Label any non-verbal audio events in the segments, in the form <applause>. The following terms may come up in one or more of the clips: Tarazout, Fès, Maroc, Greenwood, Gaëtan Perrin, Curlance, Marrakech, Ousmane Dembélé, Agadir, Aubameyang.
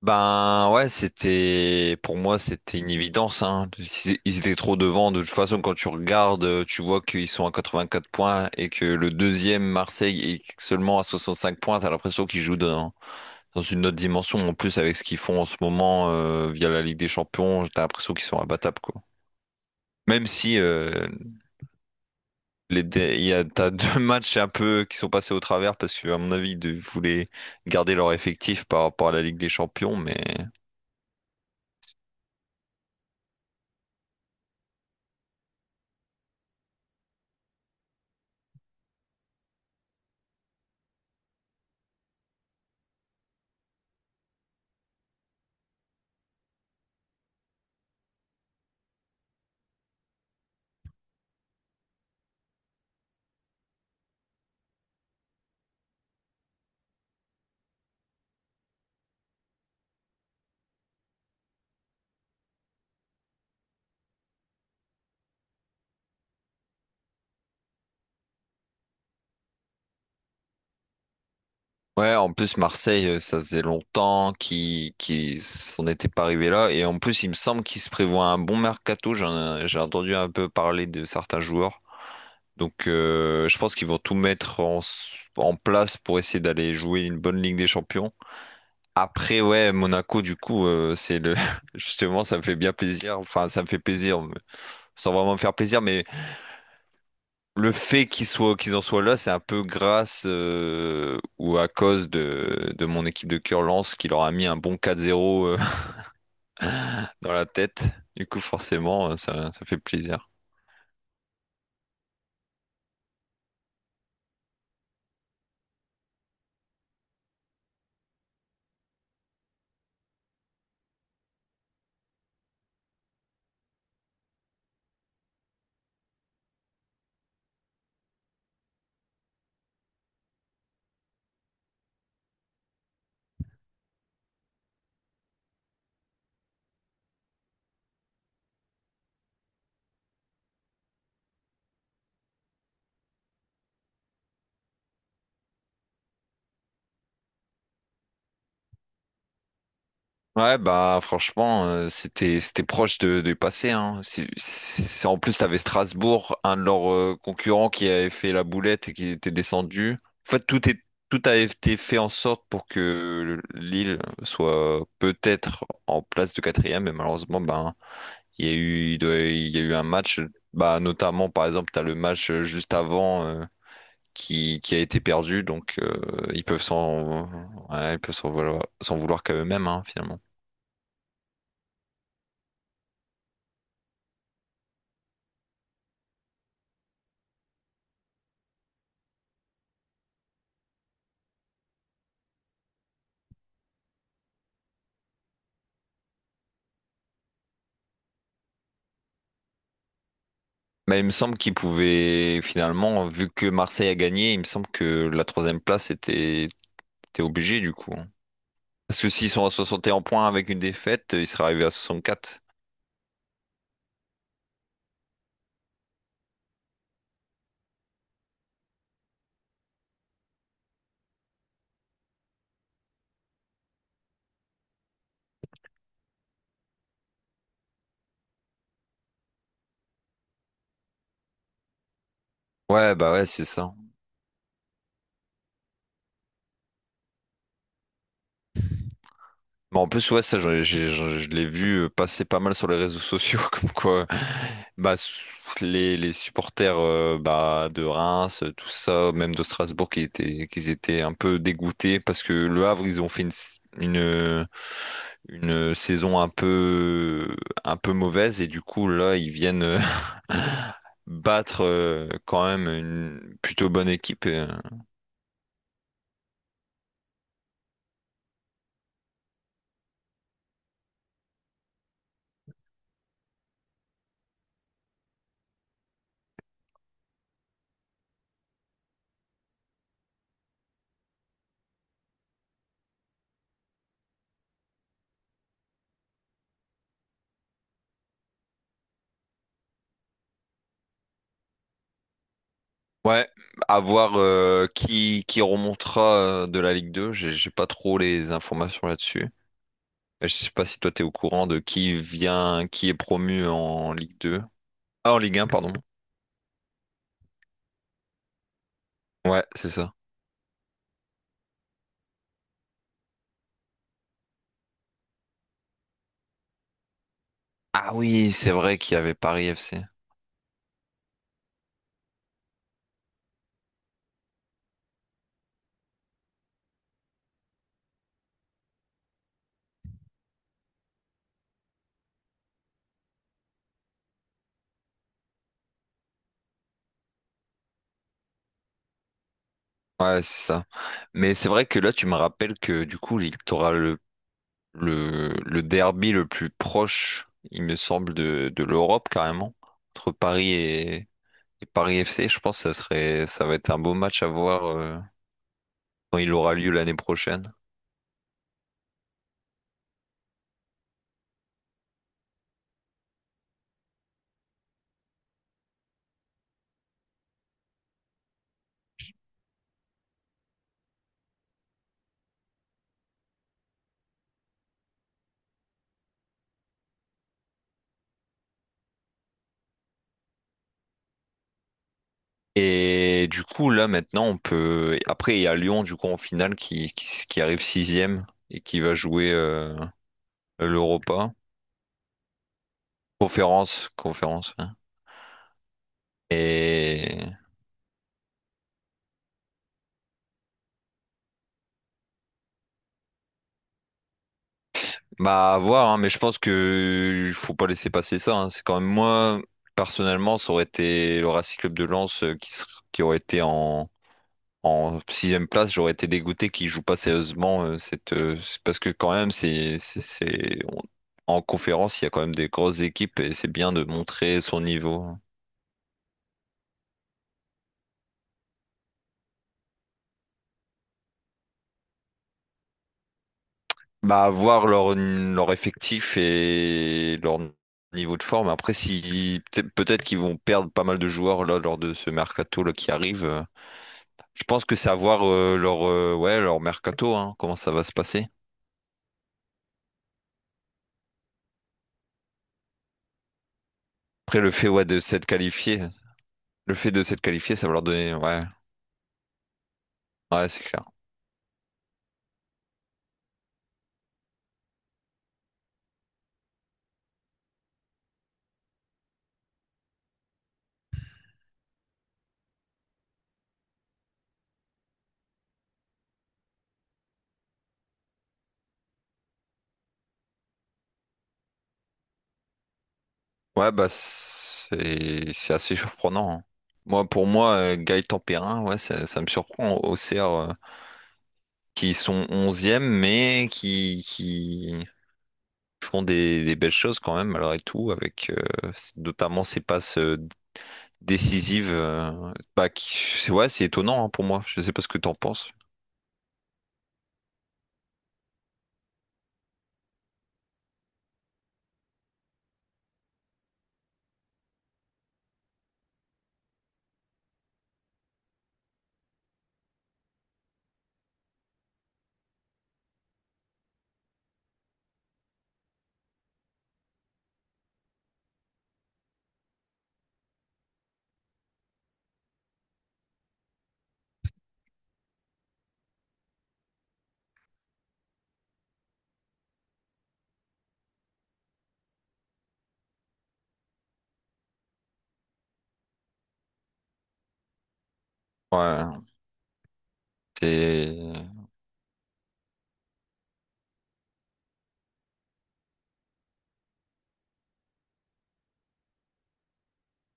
Ben ouais, c'était pour moi c'était une évidence, hein. Ils étaient trop devant de toute façon. Quand tu regardes, tu vois qu'ils sont à 84 points et que le deuxième Marseille est seulement à 65 points. T'as l'impression qu'ils jouent dans une autre dimension, en plus, avec ce qu'ils font en ce moment via la Ligue des Champions. T'as l'impression qu'ils sont abattables, quoi. Même si les dé- il y a t'as <laughs> deux matchs un peu qui sont passés au travers, parce que, à mon avis, ils voulaient garder leur effectif par rapport à la Ligue des Champions. Mais ouais, en plus, Marseille, ça faisait longtemps qu'ils s'en étaient pas arrivés là. Et en plus, il me semble qu'ils se prévoient un bon mercato. J'ai entendu un peu parler de certains joueurs. Donc je pense qu'ils vont tout mettre en place pour essayer d'aller jouer une bonne Ligue des Champions. Après, ouais, Monaco, du coup, c'est le <laughs> justement, ça me fait bien plaisir. Enfin, ça me fait plaisir sans vraiment me faire plaisir, mais le fait qu'ils en soient là, c'est un peu grâce, ou à cause de mon équipe de Curlance, qui leur a mis un bon 4-0, <laughs> dans la tête. Du coup, forcément, ça fait plaisir. Ouais, bah franchement, c'était proche du passé, hein. En plus, t'avais Strasbourg, un de leurs concurrents, qui avait fait la boulette et qui était descendu. En fait, tout a été fait en sorte pour que Lille soit peut-être en place de quatrième, mais malheureusement, ben il y a eu il y a eu un match, bah, notamment par exemple, t'as le match juste avant, qui a été perdu. Donc ils peuvent s'en ouais, ils peuvent s'en vouloir qu'à eux-mêmes, hein, finalement. Mais il me semble qu'il pouvait, finalement, vu que Marseille a gagné, il me semble que la troisième place était obligée, du coup, hein. Parce que s'ils sont à 61 points avec une défaite, ils seraient arrivés à 64. Ouais, bah ouais, c'est ça. Mais en plus, ouais, ça, je l'ai vu passer pas mal sur les réseaux sociaux, <laughs> comme quoi, bah, les supporters, bah, de Reims, tout ça, même de Strasbourg, qu'ils étaient un peu dégoûtés, parce que Le Havre, ils ont fait une saison un peu mauvaise, et du coup, là, ils viennent <laughs> battre, quand même, une plutôt bonne équipe. Ouais, à voir qui remontera de la Ligue 2. J'ai pas trop les informations là-dessus. Je sais pas si toi t'es au courant de qui vient, qui est promu en Ligue 2. Ah, en Ligue 1, pardon. Ouais, c'est ça. Ah oui, c'est vrai qu'il y avait Paris FC. Ouais, c'est ça. Mais c'est vrai que là, tu me rappelles que, du coup, t'aura le derby le plus proche, il me semble, de l'Europe, carrément, entre Paris et Paris FC. Je pense que ça serait, ça va être un beau match à voir, quand il aura lieu l'année prochaine. Et du coup, là, maintenant, on peut. Après, il y a Lyon, du coup, en finale, qui arrive sixième et qui va jouer l'Europa. Conférence, conférence, hein. Et bah, à voir, hein, mais je pense que il faut pas laisser passer ça, hein. C'est quand même, moi, personnellement, ça aurait été le Racing Club de Lens qui aurait été en sixième place, j'aurais été dégoûté qu'ils jouent pas sérieusement, parce que, quand même, en conférence il y a quand même des grosses équipes, et c'est bien de montrer son niveau. Bah, voir leur effectif et leur niveau de forme. Après, si peut-être qu'ils vont perdre pas mal de joueurs là lors de ce mercato là qui arrive. Je pense que c'est à voir, leur, ouais, leur mercato, hein, comment ça va se passer. Après, le fait, ouais, de s'être qualifié, le fait de s'être qualifié, ça va leur donner, ouais, ouais, c'est clair. Ouais, bah c'est assez surprenant, hein. Moi, pour moi, Gaëtan Perrin, ouais, ça me surprend, au CR, qui sont onzième, mais qui font des belles choses quand même, malgré tout, avec, notamment ces passes, décisives. Ouais, c'est étonnant, hein, pour moi. Je sais pas ce que t'en penses. Ouais, c'est.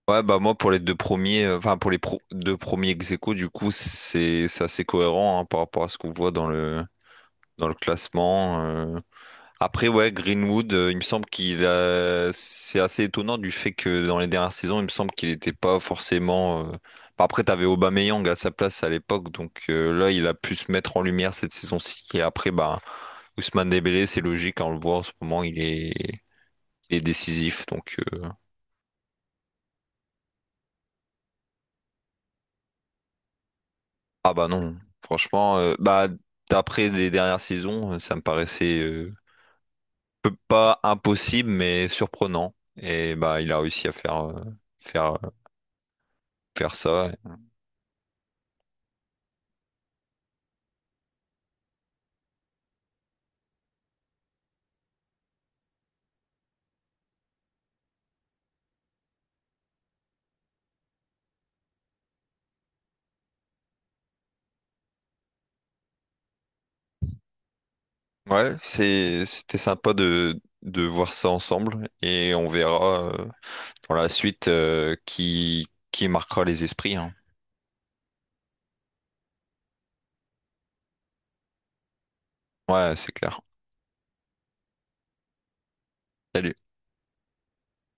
Ouais, bah, moi, pour les deux premiers, enfin, pour les deux premiers ex aequo, du coup, c'est assez cohérent, hein, par rapport à ce qu'on voit dans le classement. Après, ouais, Greenwood, il me semble qu'il a c'est assez étonnant, du fait que, dans les dernières saisons, il me semble qu'il n'était pas forcément. Après, t'avais Aubameyang à sa place à l'époque, donc là, il a pu se mettre en lumière cette saison-ci. Et après, bah, Ousmane Dembélé, c'est logique, hein, on le voit en ce moment, il est décisif. Donc, ah bah non, franchement, bah, d'après les dernières saisons, ça me paraissait, pas impossible, mais surprenant. Et bah, il a réussi à faire faire ça. Ouais, c'était sympa de voir ça ensemble, et on verra pour la suite, qui marquera les esprits, hein. Ouais, c'est clair. Salut.